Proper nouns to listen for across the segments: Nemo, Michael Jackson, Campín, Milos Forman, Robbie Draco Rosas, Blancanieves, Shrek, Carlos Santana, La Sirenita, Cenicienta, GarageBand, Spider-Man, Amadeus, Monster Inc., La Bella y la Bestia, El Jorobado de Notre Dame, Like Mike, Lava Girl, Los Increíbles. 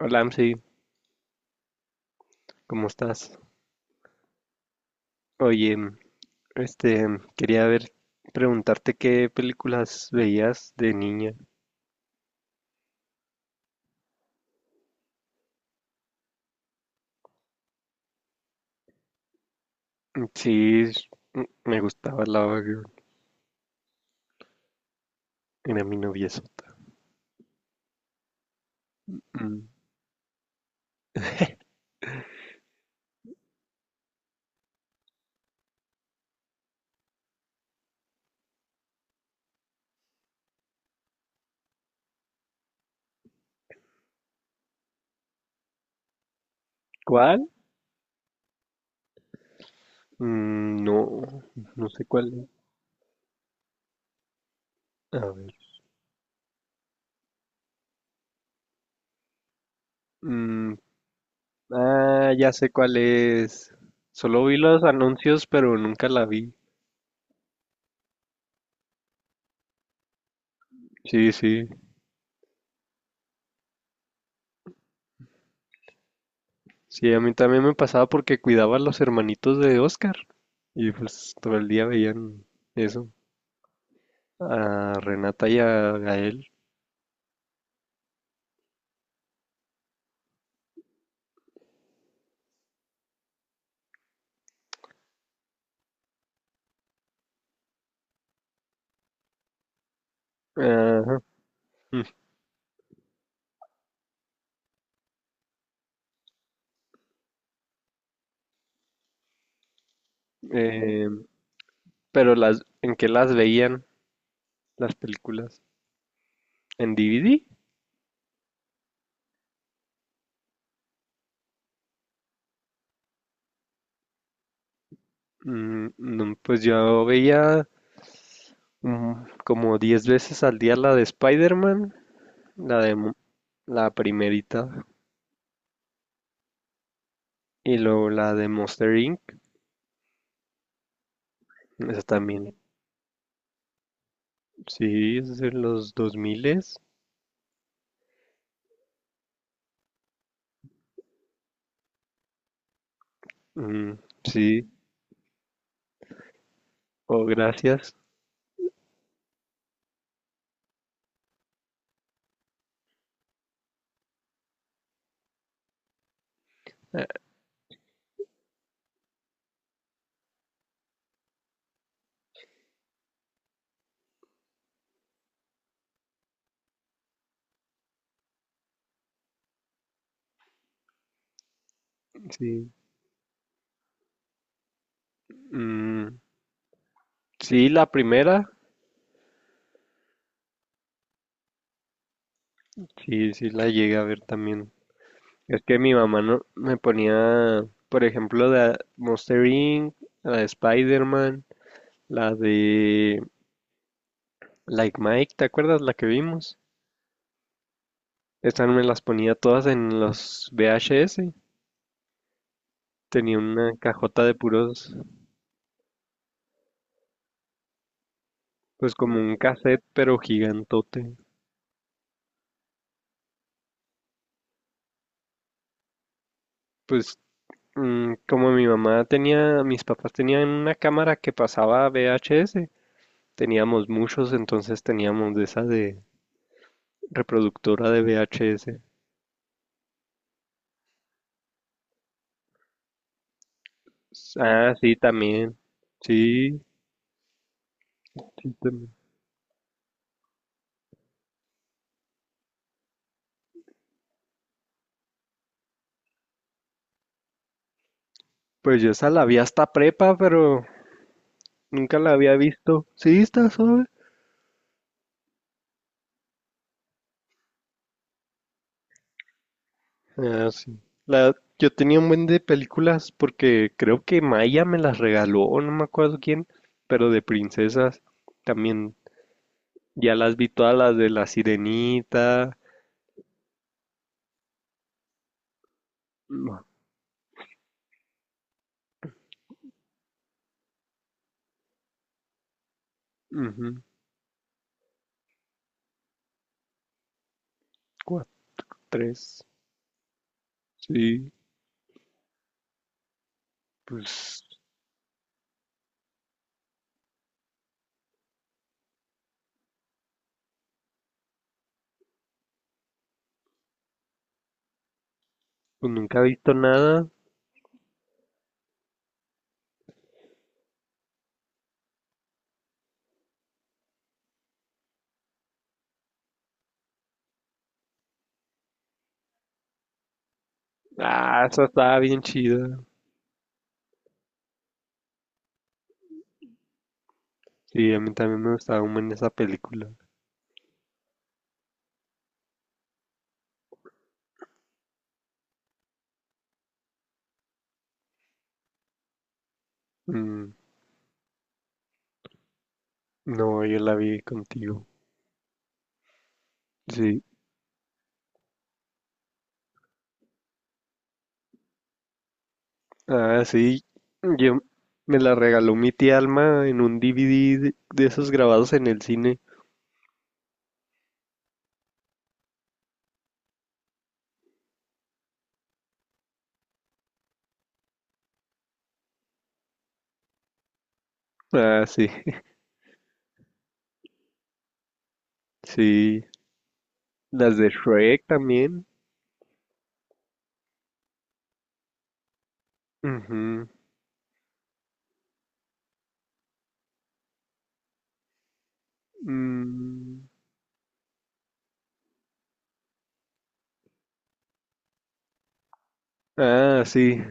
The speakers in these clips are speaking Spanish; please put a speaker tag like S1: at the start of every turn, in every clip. S1: Hola, Amsi, ¿cómo estás? Oye, este, quería preguntarte qué películas veías de niña. Sí, me gustaba Lava Girl, era mi noviezo. Mm, ¿Cuál? No, no sé cuál es. A ver. Mm, Ah, ya sé cuál es. Solo vi los anuncios, pero nunca la vi. Sí, sí, sí, a mí también me pasaba porque cuidaba a los hermanitos de Oscar y pues todo el día veían eso. A Renata y a Gael. Ajá. Mm. Eh, pero ¿en qué las veían las películas? ¿En DVD? No, pues yo veía mm, como 10 veces al día la de Spider-Man, la de la primerita y luego la de Monster Inc. Esa también. Sí, es de los 2000, mm, sí. Oh, gracias. Eh, sí. Mm, sí, la primera. Sí, sí la llegué a ver también. Es que mi mamá no, me ponía, por ejemplo, la Monster Inc., la de Spider-Man, la de Like Mike, ¿te acuerdas la que vimos? Estas me las ponía todas en los VHS. Tenía una cajota de puros, pues como un cassette, pero gigantote. Pues como mi mamá tenía, mis papás tenían una cámara que pasaba VHS, teníamos muchos, entonces teníamos de esa de reproductora de VHS. Ah, sí, también. Sí, sí, también. Pues yo esa la vi hasta prepa, pero nunca la había visto. Sí, está suave. Ah, sí. Yo tenía un buen de películas porque creo que Maya me las regaló, no me acuerdo quién, pero de princesas también. Ya las vi todas las de La Sirenita. Ma- Ujú. Cuatro, tres. Sí, pues, pues nunca he visto nada. Ah, esa estaba bien chida. Sí, a mí también me gustaba un buen esa película. Mm, no, yo la vi contigo. Sí. Ah, sí. Yo me la regaló mi tía Alma en un DVD de esos grabados en el cine. Ah, sí. Sí. Las de Shrek también. Ujú. Mm, Ah, sí.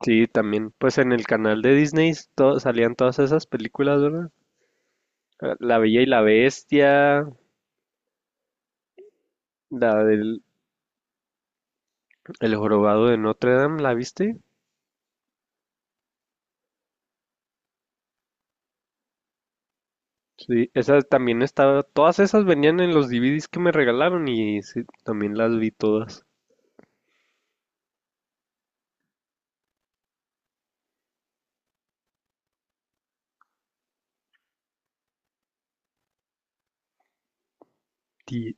S1: Sí, también. Pues en el canal de Disney salían todas esas películas, ¿verdad? Ah, La Bella y la Bestia, la del El Jorobado de Notre Dame, ¿la viste? Sí, esas también estaba, todas esas venían en los DVDs que me regalaron y sí, también las vi todas. Y,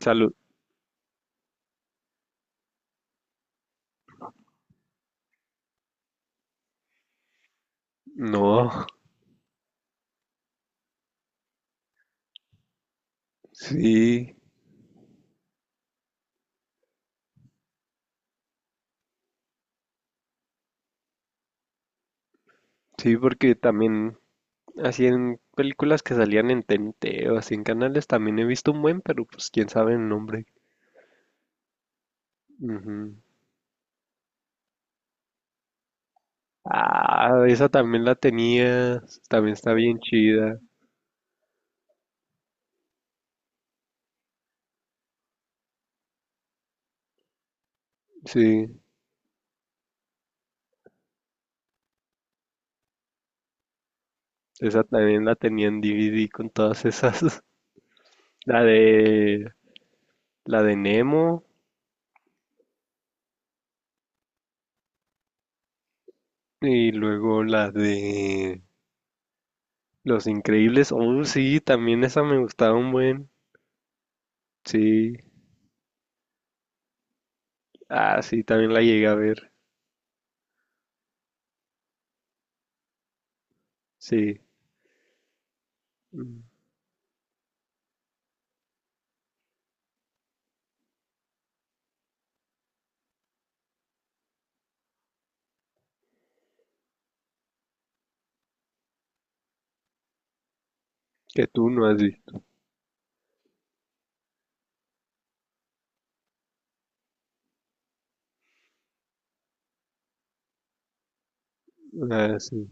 S1: Salud. No, sí, sí, porque también así en películas que salían en TNT o así en canales también he visto un buen, pero pues quién sabe el nombre. Ujú. Ah, esa también la tenía, también está bien chida, sí, esa también la tenía en DVD con todas esas. La de, la de Nemo. Y luego la de Los Increíbles. Oh, sí, también esa me gustaba un buen. Sí. Ah, sí, también la llegué a ver. Sí. Mm, Que tú no has visto. Ah, sí.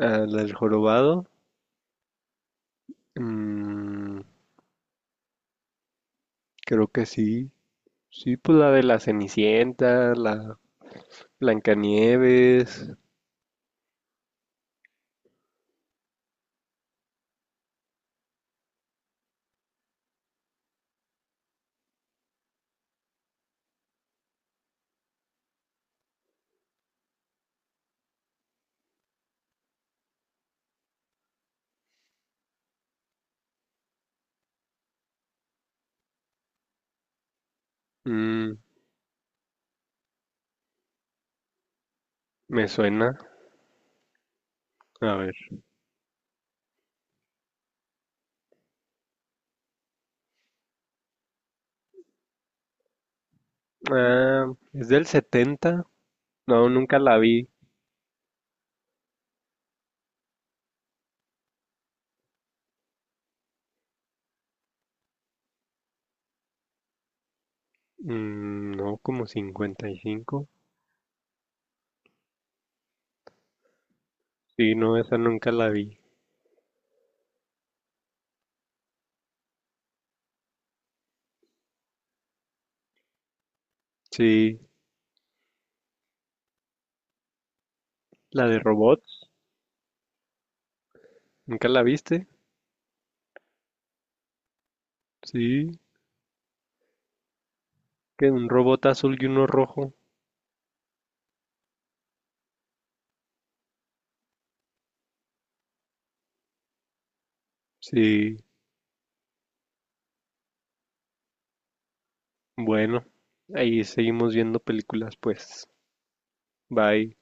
S1: Ah, la del Jorobado. Mm, Creo que sí. Sí, pues la de la Cenicienta, la Blancanieves. Mm, Me suena. A ver. Ah, es del 70. No, nunca la vi. No, como 55. Sí, no, esa nunca la vi. Sí, la de robots, ¿nunca la viste? Sí, que un robot azul y uno rojo. Sí, bueno, ahí seguimos viendo películas, pues. Bye.